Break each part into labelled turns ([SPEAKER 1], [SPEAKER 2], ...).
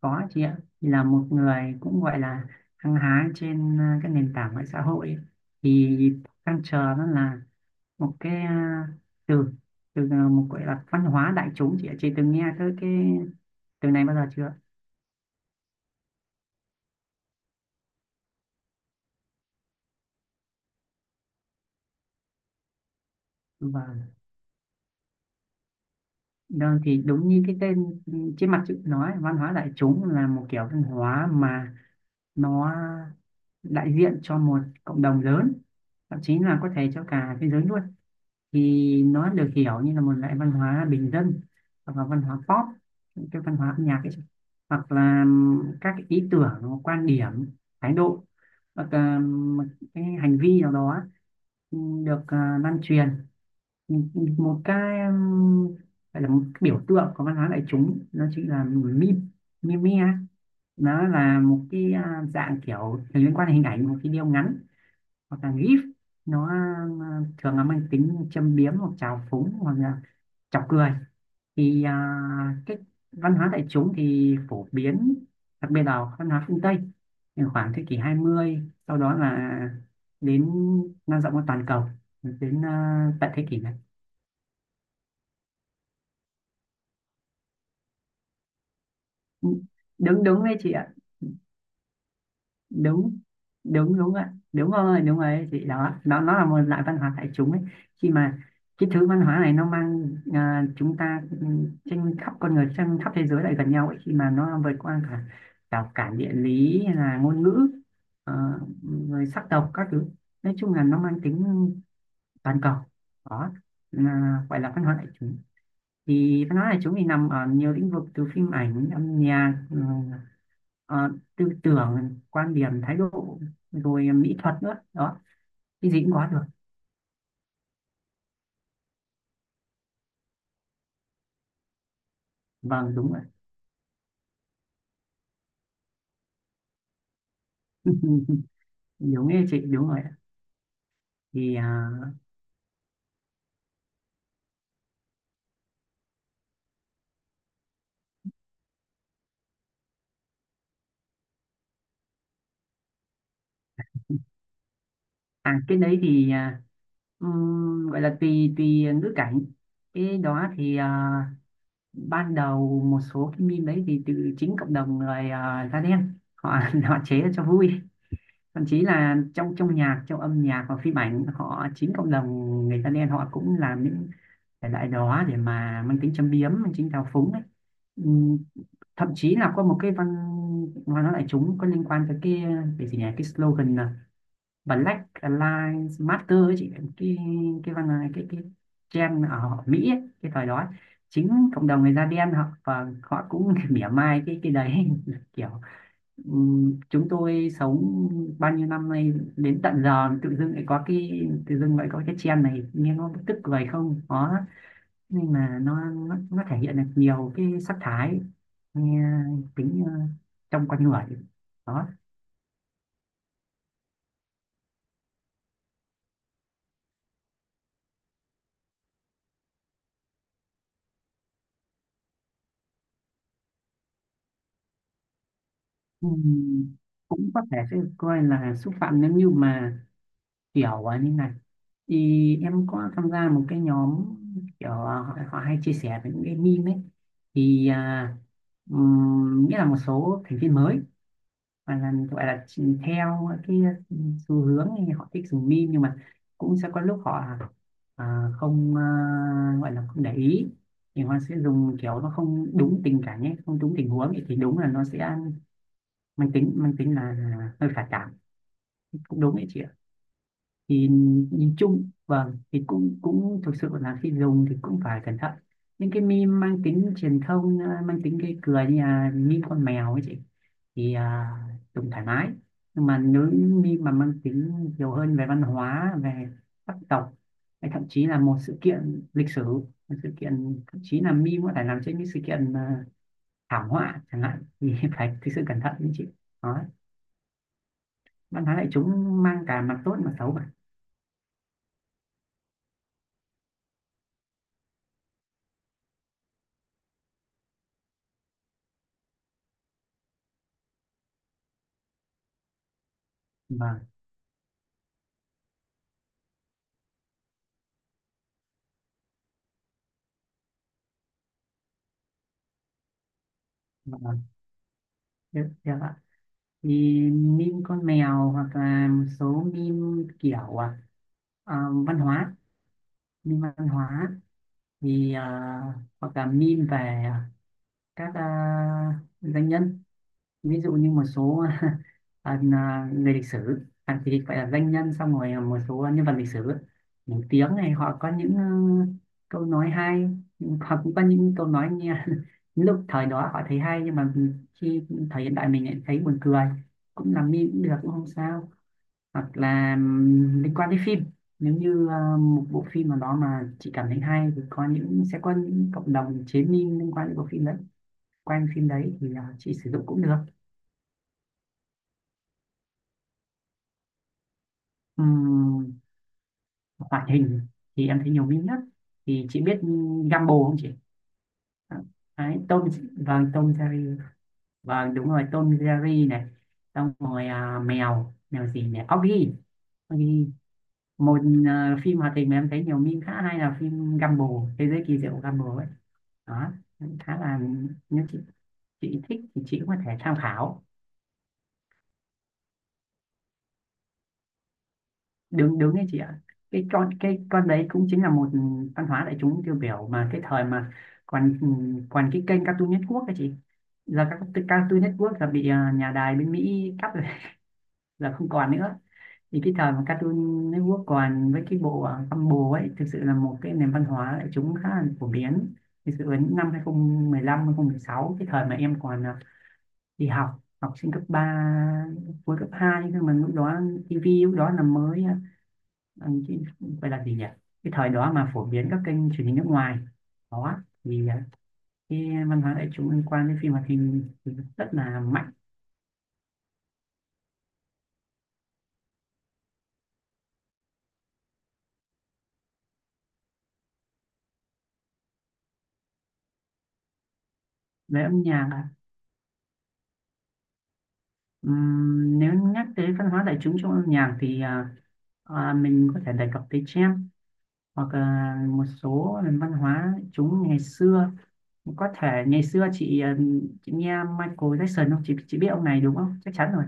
[SPEAKER 1] Có chị ạ, thì là một người cũng gọi là hăng hái trên cái nền tảng mạng xã hội ấy, thì đang chờ nó là một cái từ, một gọi là văn hóa đại chúng chị ạ. Chị từng nghe tới cái từ này bao giờ chưa? Vâng. Đó, thì đúng như cái tên trên mặt chữ nói văn hóa đại chúng là một kiểu văn hóa mà nó đại diện cho một cộng đồng lớn, thậm chí là có thể cho cả thế giới luôn, thì nó được hiểu như là một loại văn hóa bình dân hoặc là văn hóa pop, cái văn hóa âm nhạc ấy, hoặc là các cái ý tưởng, quan điểm, thái độ hoặc là một cái hành vi nào đó được lan truyền. Một cái gọi là một cái biểu tượng của văn hóa đại chúng nó chính là meme, á. Nó là một cái dạng kiểu liên quan đến hình ảnh, một video ngắn hoặc là gif, nó thường là mang tính châm biếm hoặc chào phúng hoặc là chọc cười. Thì cái văn hóa đại chúng thì phổ biến, đặc biệt là văn hóa phương Tây, thì khoảng thế kỷ 20, sau đó là đến lan rộng ra toàn cầu đến tận thế kỷ này. Đúng, đúng đấy chị ạ. Đúng, đúng, đúng ạ, đúng rồi, đúng rồi, thì đó, nó là một loại văn hóa đại chúng ấy. Khi mà cái thứ văn hóa này nó mang chúng ta trên khắp con người trên khắp thế giới lại gần nhau ấy, khi mà nó vượt qua cả rào cản địa lý hay là ngôn ngữ, ờ, rồi sắc tộc các thứ, nói chung là nó mang tính toàn cầu đó, là gọi là văn hóa đại chúng. Thì văn hóa của chúng thì nằm ở nhiều lĩnh vực, từ phim ảnh, âm nhạc, ờ, tư tưởng, quan điểm, thái độ, rồi mỹ thuật nữa đó, cái gì cũng có được. Vâng, đúng rồi. Đúng như chị, đúng rồi ạ. Thì cái đấy thì gọi là tùy tùy ngữ cảnh. Cái đó thì ban đầu một số cái meme đấy thì từ chính cộng đồng người da đen, họ họ chế ra cho vui. Thậm chí là trong trong nhạc, trong âm nhạc và phim ảnh, họ, chính cộng đồng người da đen họ cũng làm những thể loại đó để mà mang tính châm biếm, mang tính thao phúng ấy. Ừm, Thậm chí là có một cái văn văn hóa đại chúng có liên quan tới cái gì nhỉ, cái slogan là Black Lives Matter ấy chị, cái cái văn, cái trend ở họ Mỹ ấy, cái thời đó ấy. Chính cộng đồng người da đen họ, và họ cũng mỉa mai cái đấy, kiểu chúng tôi sống bao nhiêu năm nay đến tận giờ tự dưng lại có cái, tự dưng lại có cái trend này nghe nó tức cười không đó. Nhưng mà nó thể hiện được nhiều cái sắc thái, nghe tính trong con người đó. Ừm, Cũng có thể sẽ coi là xúc phạm nếu như mà kiểu như này, thì em có tham gia một cái nhóm kiểu họ hay chia sẻ về những cái meme ấy. Thì nghĩa là một số thành viên mới và là gọi là theo cái xu hướng thì họ thích dùng meme, nhưng mà cũng sẽ có lúc họ không, gọi là không để ý, thì họ sẽ dùng kiểu nó không đúng tình cảnh ấy, không đúng tình huống ấy, thì đúng là nó sẽ mang tính là hơi phản cảm, cũng đúng đấy chị ạ. Thì nhìn chung vâng, thì cũng, cũng thực sự là khi dùng thì cũng phải cẩn thận. Những cái meme mang tính truyền thông mang tính gây cười như là meme con mèo ấy chị, thì dùng thoải mái. Nhưng mà nếu những meme mà mang tính nhiều hơn về văn hóa, về sắc tộc hay thậm chí là một sự kiện lịch sử, một sự kiện, thậm chí là meme có thể làm trên những sự kiện thảm họa chẳng hạn, thì phải thực sự cẩn thận đấy chị. Đó, văn hóa đại chúng mang cả mặt tốt mặt xấu mà. Vâng. Vâng, thế ạ. Thì meme con mèo, hoặc là một số meme kiểu à, văn hóa, meme văn hóa, thì hoặc là meme về các danh nhân, ví dụ như một số người lịch sử, thì gọi là danh nhân, xong rồi một số nhân vật lịch sử nổi tiếng này họ có những câu nói hay, họ cũng có những câu nói nghe lúc thời đó họ thấy hay nhưng mà khi thời hiện đại mình lại thấy buồn cười, cũng làm meme cũng được, cũng không sao. Hoặc là liên quan đến phim, nếu như một bộ phim nào đó mà chị cảm thấy hay thì có những, sẽ có những cộng đồng chế meme liên quan đến bộ phim đấy, quanh phim đấy, thì chị sử dụng cũng được. Ừm, Hoạt hình thì em thấy nhiều meme nhất. Thì chị biết Gumball không chị? Đấy, Tom, vâng Tom Jerry, vâng đúng rồi, Tom Jerry này, xong rồi mèo, gì nhỉ, Oggy, Oggy. Một phim hoạt hình mà em thấy nhiều meme khá hay là phim Gumball, thế giới kỳ diệu của Gumball ấy, đó. Khá là, nếu chị thích thì chị cũng có thể tham khảo. Đúng, đúng đấy chị ạ. Cái con, cái con đấy cũng chính là một văn hóa đại chúng tiêu biểu mà, cái thời mà còn, còn cái kênh Cartoon Network đấy chị. Giờ các cái Cartoon Network là bị nhà đài bên Mỹ cắt rồi, là không còn nữa. Thì cái thời mà Cartoon Network còn với cái bộ Gumball ấy, thực sự là một cái nền văn hóa đại chúng khá là phổ biến. Thực sự đến năm 2015, sáu, cái thời mà em còn đi học, học sinh cấp 3, cuối cấp 2, nhưng mà lúc đó tivi lúc đó là mới ờ, là gì nhỉ, cái thời đó mà phổ biến các kênh truyền hình nước ngoài đó, thì cái văn hóa đại chúng liên quan đến phim hoạt hình thì rất là mạnh. Về âm nhạc à. Nếu nhắc tới văn hóa đại chúng trong âm nhạc thì mình có thể đề cập tới jazz hoặc là một số nền văn hóa chúng ngày xưa. Có thể ngày xưa chị, chị nghe Michael Jackson không chị? Chị biết ông này đúng không, chắc chắn rồi.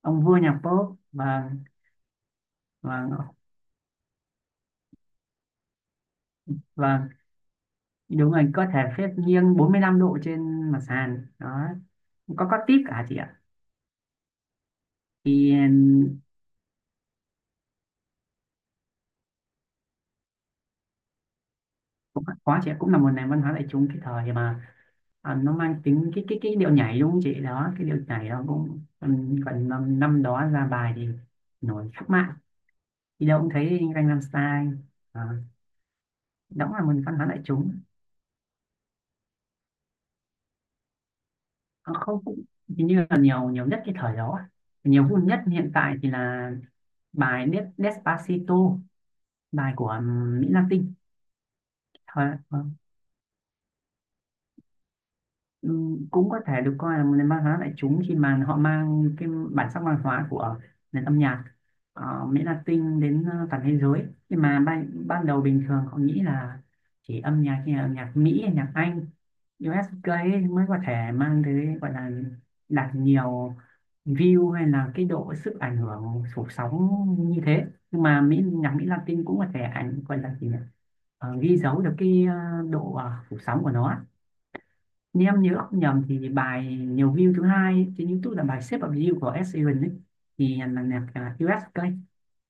[SPEAKER 1] Ông vua nhạc pop. Và và và đúng rồi, có thể phép nghiêng 45 độ trên mặt sàn đó, có tip cả chị ạ. Thì ờ, cũng quá chị ạ, cũng là một nền văn hóa đại chúng. Cái thời mà nó mang tính, cái điệu nhảy, đúng không chị, đó, cái điệu nhảy nó cũng còn năm, năm đó ra bài thì nổi khắp mạng, đi đâu cũng thấy anh Gangnam Style đó, đó cũng là một văn hóa đại chúng. Ờ, không cũng hình như là nhiều nhiều nhất cái thời đó. Nhiều vui nhất hiện tại thì là bài Despacito, bài của Mỹ Latin. Thời, ừ, cũng có thể được coi là một nền văn hóa đại chúng khi mà họ mang cái bản sắc văn hóa của nền âm nhạc Mỹ Latin đến toàn thế giới. Nhưng mà ban đầu bình thường họ nghĩ là chỉ âm nhạc, như là âm nhạc Mỹ, âm nhạc Anh, USK ấy mới có thể mang tới gọi là đạt nhiều view, hay là cái độ sức ảnh hưởng phủ sóng như thế. Nhưng mà Mỹ, nhạc Mỹ Latin cũng có thể ảnh, gọi là gì nhỉ? Ờ, ghi dấu được cái độ phủ sóng của nó. Nếu em nhớ không nhầm thì bài nhiều view thứ hai trên YouTube là bài Shape of You của Ed Sheeran ấy, thì là nhạc US Clay,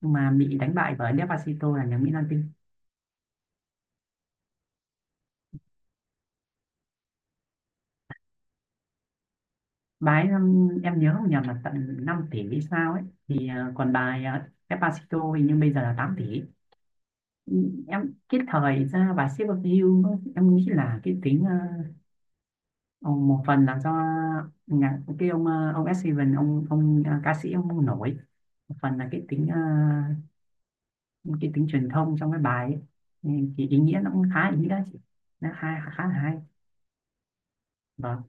[SPEAKER 1] nhưng mà bị đánh bại bởi Despacito là nhạc Mỹ Latin. Bài em nhớ không nhầm là tận 5 tỷ hay sao ấy, thì còn bài Despacito hình như bây giờ là 8 tỷ. Ừ, em, cái thời ra bài Shape of You, em nghĩ là cái tính một phần là do nhạc, cái ông ông Ed Sheeran, ông, ca sĩ ông nổi, một phần là cái tính những cái tính truyền thông trong cái bài ấy. Nên cái ý nghĩa nó cũng khá ý nghĩa, nó hay, khá là hay. Vâng.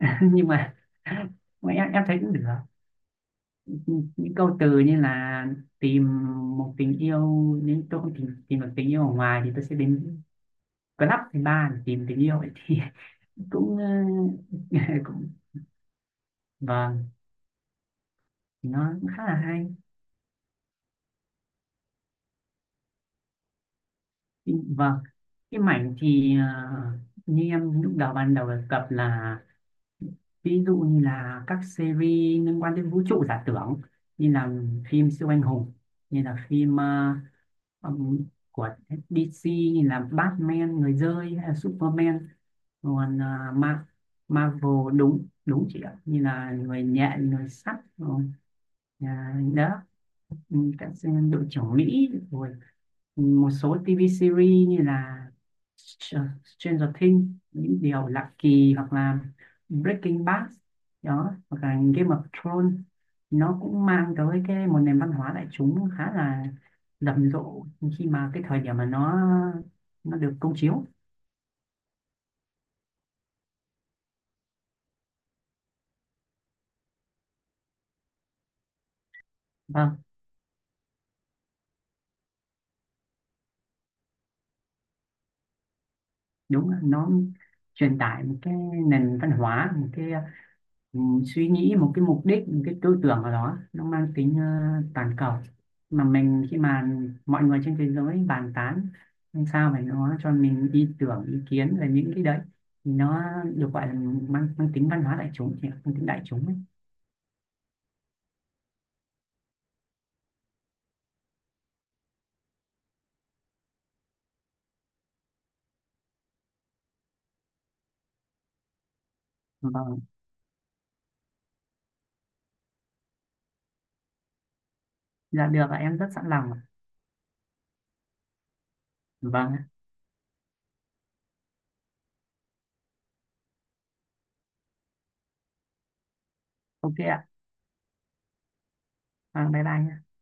[SPEAKER 1] Nhưng mà em thấy cũng được. Những câu từ như là tìm một tình yêu, nếu tôi không tìm được tình yêu ở ngoài thì tôi sẽ đến club thứ ba để tìm tình yêu ấy, thì cũng cũng vâng, thì nó cũng khá là hay. Vâng, cái mảnh thì như em lúc đầu, ban đầu đề cập là ví dụ như là các series liên quan đến vũ trụ giả tưởng, như là phim siêu anh hùng, như là phim ừm, của DC như là Batman, người rơi, hay là Superman. Còn Marvel, đúng, đúng chị ạ, như là người nhện, người sắt rồi đó. Ừ, các đội trưởng Mỹ rồi, một số TV series như là Stranger Things, những điều lạ kỳ, hoặc là Breaking Bad đó, hoặc là Game of Thrones, nó cũng mang tới cái một nền văn hóa đại chúng khá là rầm rộ khi mà cái thời điểm mà nó được công chiếu. Vâng. Đúng là nó truyền tải một cái nền văn hóa, một cái ừ, suy nghĩ, một cái mục đích, một cái tư tưởng ở đó, nó mang tính toàn cầu mà mình, khi mà mọi người trên thế giới bàn tán, làm sao phải nó cho mình ý tưởng, ý kiến về những cái đấy, thì nó được gọi là mang tính văn hóa đại chúng, thì mang tính đại chúng ấy. Vâng. Dạ được ạ, em rất sẵn lòng ạ. Vâng ạ. Ok ạ. Vâng, bye bye nhé.